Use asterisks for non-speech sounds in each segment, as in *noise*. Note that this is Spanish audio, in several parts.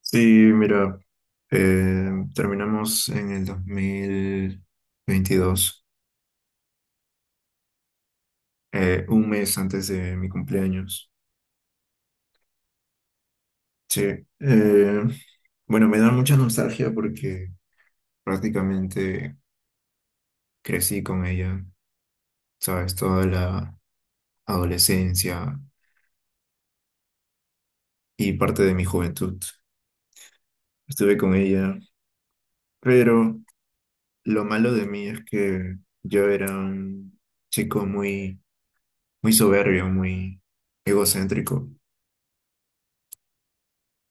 Sí, mira, eh, terminamos en el 2022, un mes antes de mi cumpleaños. Sí, eh, bueno, me da mucha nostalgia porque prácticamente crecí con ella, ¿sabes? Toda la adolescencia y parte de mi juventud. Estuve con ella, pero lo malo de mí es que yo era un chico muy, muy soberbio, muy egocéntrico.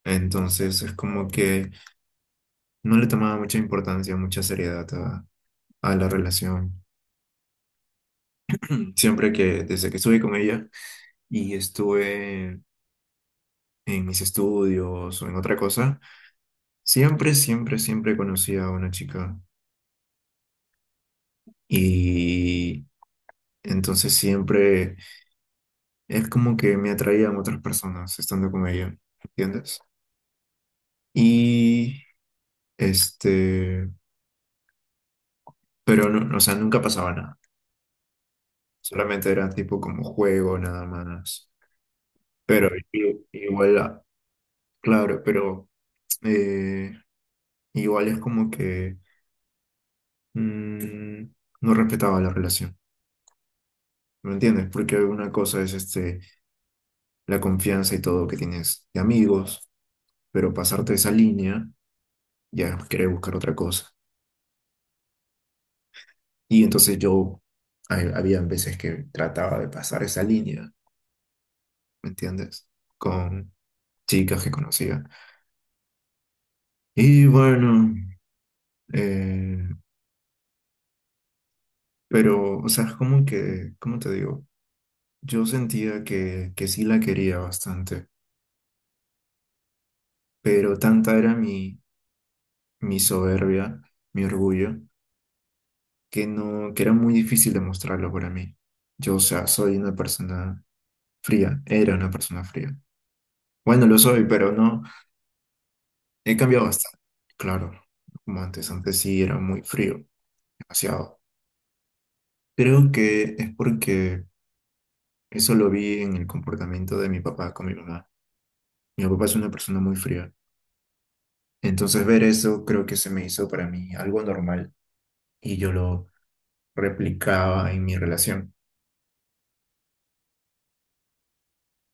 Entonces es como que no le tomaba mucha importancia, mucha seriedad a la relación. *clears throat* Siempre que, desde que estuve con ella y estuve en mis estudios o en otra cosa, siempre, siempre, siempre conocí a una chica. Y entonces siempre es como que me atraían otras personas estando con ella, ¿entiendes? Y este, pero no, o sea, nunca pasaba nada. Solamente era tipo como juego, nada más. Pero igual, ah, claro, pero eh, igual es como que mm, no respetaba la relación, ¿me entiendes? Porque una cosa es la confianza y todo que tienes de amigos, pero pasarte esa línea ya es querer buscar otra cosa. Y entonces yo, había veces que trataba de pasar esa línea, ¿me entiendes? Con chicas que conocía. Y bueno, eh, pero, o sea, es como que, ¿cómo te digo? Yo sentía que sí la quería bastante, pero tanta era mi soberbia, mi orgullo, que no, que era muy difícil demostrarlo para mí. Yo, o sea, soy una persona fría, era una persona fría. Bueno, lo soy, pero no, he cambiado bastante. Claro, como antes sí era muy frío, demasiado. Creo que es porque eso lo vi en el comportamiento de mi papá con mi mamá. Mi papá es una persona muy fría. Entonces ver eso creo que se me hizo para mí algo normal y yo lo replicaba en mi relación.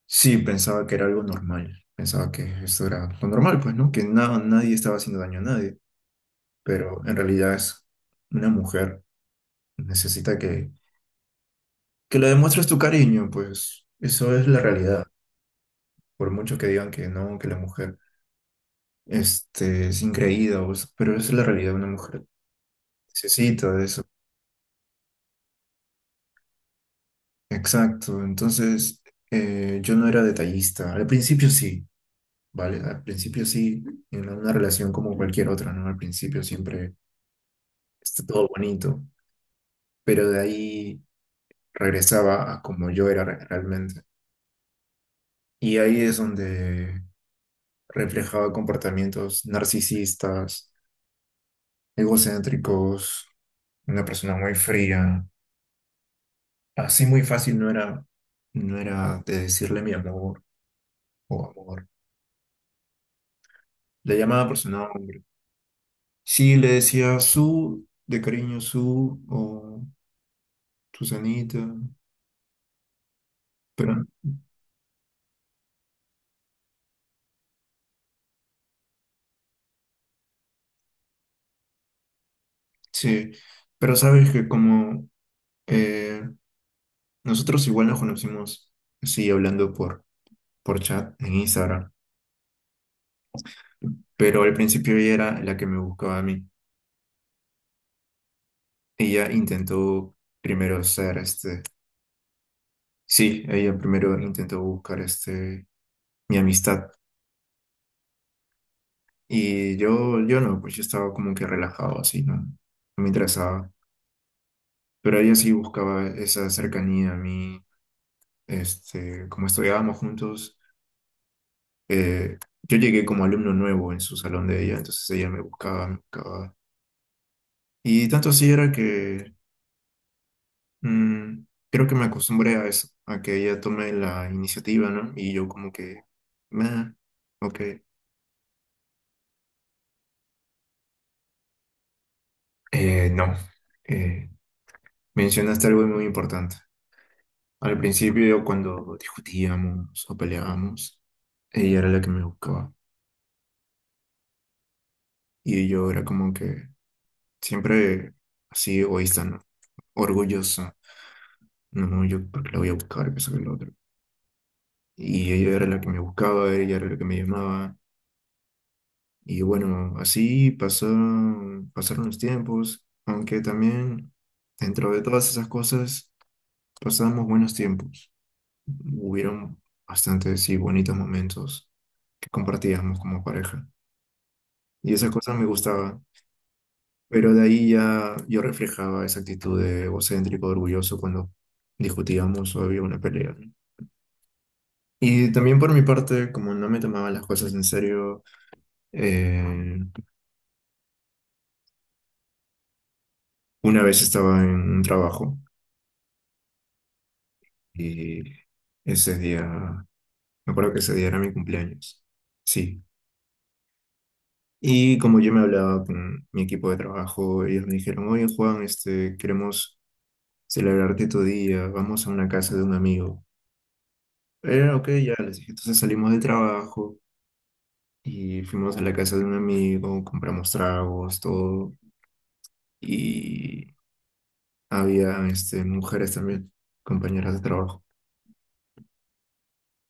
Sí, pensaba que era algo normal, pensaba que esto era lo normal, pues, ¿no? Que nadie estaba haciendo daño a nadie, pero en realidad es una mujer, necesita que le demuestres tu cariño, pues eso es la realidad, por mucho que digan que no, que la mujer es increíble, pero esa es la realidad, una mujer necesita de eso. Exacto, entonces yo no era detallista. Al principio sí, ¿vale? Al principio sí, en una relación como cualquier otra, ¿no? Al principio siempre está todo bonito, pero de ahí regresaba a como yo era realmente. Y ahí es donde reflejaba comportamientos narcisistas, egocéntricos, una persona muy fría. Así muy fácil no era, no era de decirle mi amor o amor. Le llamaba por su nombre. Sí, le decía su, de cariño su, o Susanita, pero sí, pero sabes que como eh, nosotros igual nos conocimos, sí, hablando por chat en Instagram, pero al principio ella era la que me buscaba a mí. Ella intentó primero ser sí, ella primero intentó buscar mi amistad, y yo no, pues yo estaba como que relajado, así, no, no me interesaba. Pero ella sí buscaba esa cercanía a mí, como estudiábamos juntos, eh, yo llegué como alumno nuevo en su salón de ella, entonces ella me buscaba, me buscaba. Y tanto así era que mm, creo que me acostumbré a eso, a que ella tome la iniciativa, ¿no? Y yo como que, "Meh, ok". No, eh, mencionaste algo muy importante. Al principio, cuando discutíamos o peleábamos, ella era la que me buscaba. Y yo era como que, siempre así egoísta, ¿no? Orgullosa. No, yo porque la voy a buscar, que sabe lo otro. Y ella era la que me buscaba, ella era la que me llamaba. Y bueno, así pasaron, pasaron los tiempos, aunque también dentro de todas esas cosas pasamos buenos tiempos. Hubieron bastantes y bonitos momentos que compartíamos como pareja. Y esa cosa me gustaba. Pero de ahí ya yo reflejaba esa actitud de egocéntrico, orgulloso cuando discutíamos o había una pelea, ¿no? Y también por mi parte, como no me tomaba las cosas en serio, eh, una vez estaba en un trabajo y ese día, me acuerdo que ese día era mi cumpleaños. Sí. Y como yo me hablaba con mi equipo de trabajo, ellos me dijeron, oye Juan, queremos celebrarte tu día, vamos a una casa de un amigo. Ok, ya les dije. Entonces salimos del trabajo. Y fuimos a la casa de un amigo, compramos tragos, todo. Y había mujeres también, compañeras de trabajo.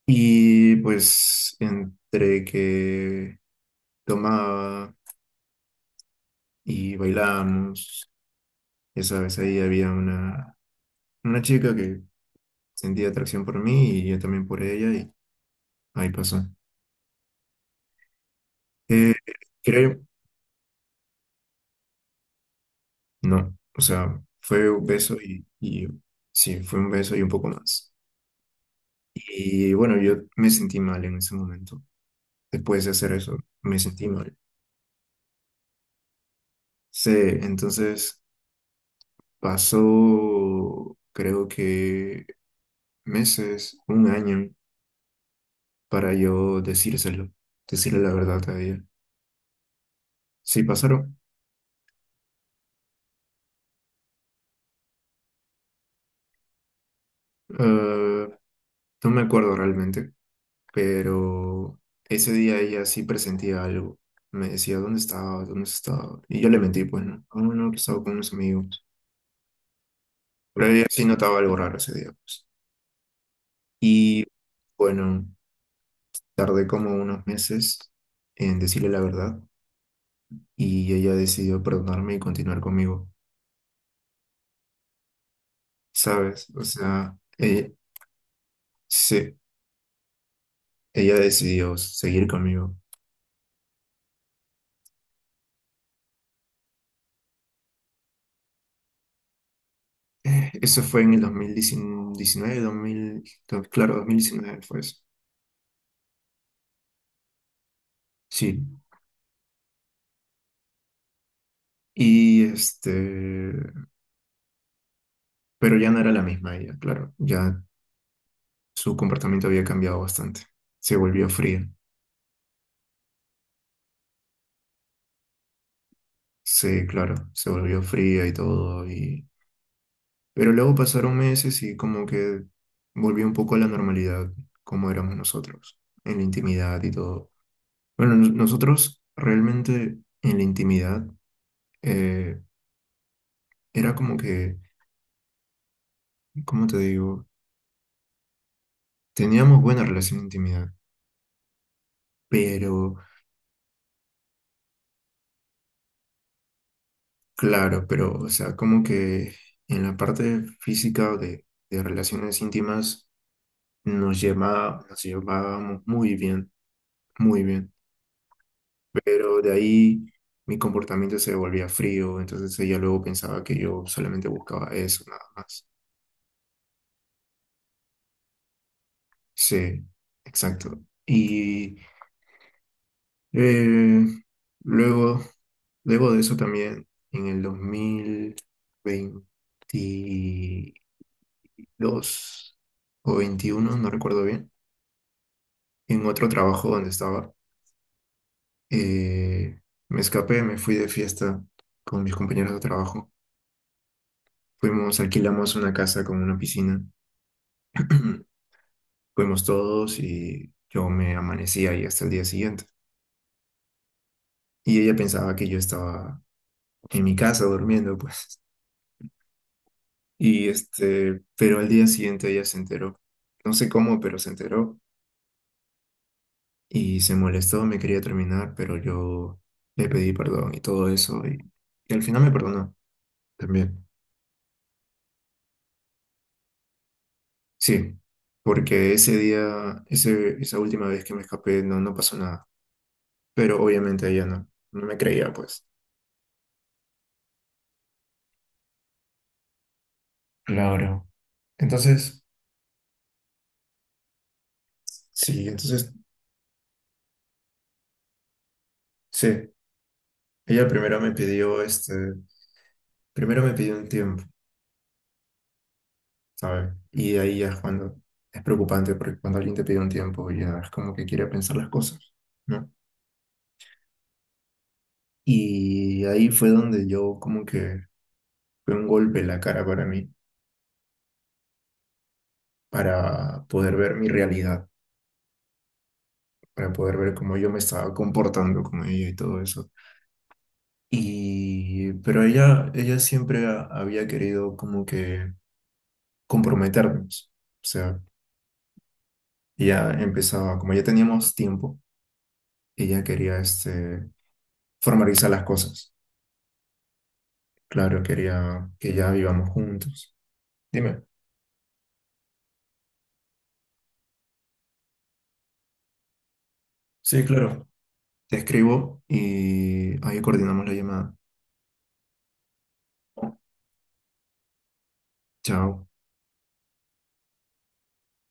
Y pues entre que tomaba y bailábamos, esa vez ahí había una chica que sentía atracción por mí y yo también por ella y ahí pasó. Eh, creo, no, o sea, fue un beso y, fue un beso y un poco más. Y bueno, yo me sentí mal en ese momento. Después de hacer eso, me sentí mal. Sí, entonces pasó, creo que meses, un año, para yo decírselo, decirle la verdad a ella. Sí, pasaron. eh, no me acuerdo realmente, pero ese día ella sí presentía algo. Me decía, ¿dónde estaba? ¿Dónde estaba? Y yo le mentí, pues no, no, no, que estaba con unos amigos. Pero ella sí notaba algo raro ese día, pues. Y bueno, tardé como unos meses en decirle la verdad y ella decidió perdonarme y continuar conmigo, ¿sabes? O sea, se- ella decidió seguir conmigo. Eso fue en el 2019, 2000, claro, 2019 fue eso. Sí. Y pero ya no era la misma ella, claro. Ya su comportamiento había cambiado bastante. Se volvió fría. Sí, claro, se volvió fría y todo. Y Pero luego pasaron meses y como que volvió un poco a la normalidad, como éramos nosotros, en la intimidad y todo. Bueno, nosotros realmente en la intimidad eh, era como que, ¿cómo te digo? Teníamos buena relación de intimidad, pero claro, pero o sea, como que en la parte física de relaciones íntimas nos llevábamos muy bien, muy bien. Pero de ahí mi comportamiento se volvía frío, entonces ella luego pensaba que yo solamente buscaba eso, nada más. Sí, exacto. Y eh, luego, luego de eso también, en el 2022 o 21 no recuerdo bien, en otro trabajo donde estaba, eh, me escapé, me fui de fiesta con mis compañeros de trabajo. Fuimos, alquilamos una casa con una piscina. *clears throat* Fuimos todos y yo me amanecí ahí hasta el día siguiente. Y ella pensaba que yo estaba en mi casa durmiendo, pues. Y pero al día siguiente ella se enteró. No sé cómo, pero se enteró y se molestó, me quería terminar, pero yo le pedí perdón y todo eso. Y al final me perdonó también. Sí, porque ese día, esa última vez que me escapé, no, no pasó nada. Pero obviamente ella no, no me creía, pues. Claro. Entonces, sí, entonces sí, ella primero me pidió primero me pidió un tiempo, ¿sabes? Y ahí ya es cuando es preocupante porque cuando alguien te pide un tiempo ya es como que quiere pensar las cosas, ¿no? Y ahí fue donde yo como que fue un golpe en la cara para mí, para poder ver mi realidad, para poder ver cómo yo me estaba comportando con ella y todo eso. Y pero ella siempre había querido como que comprometernos, o sea, ya empezaba, como ya teníamos tiempo. Ella quería formalizar las cosas. Claro, quería que ya vivamos juntos. Dime, sí, claro. Te escribo y ahí coordinamos la llamada. Chao.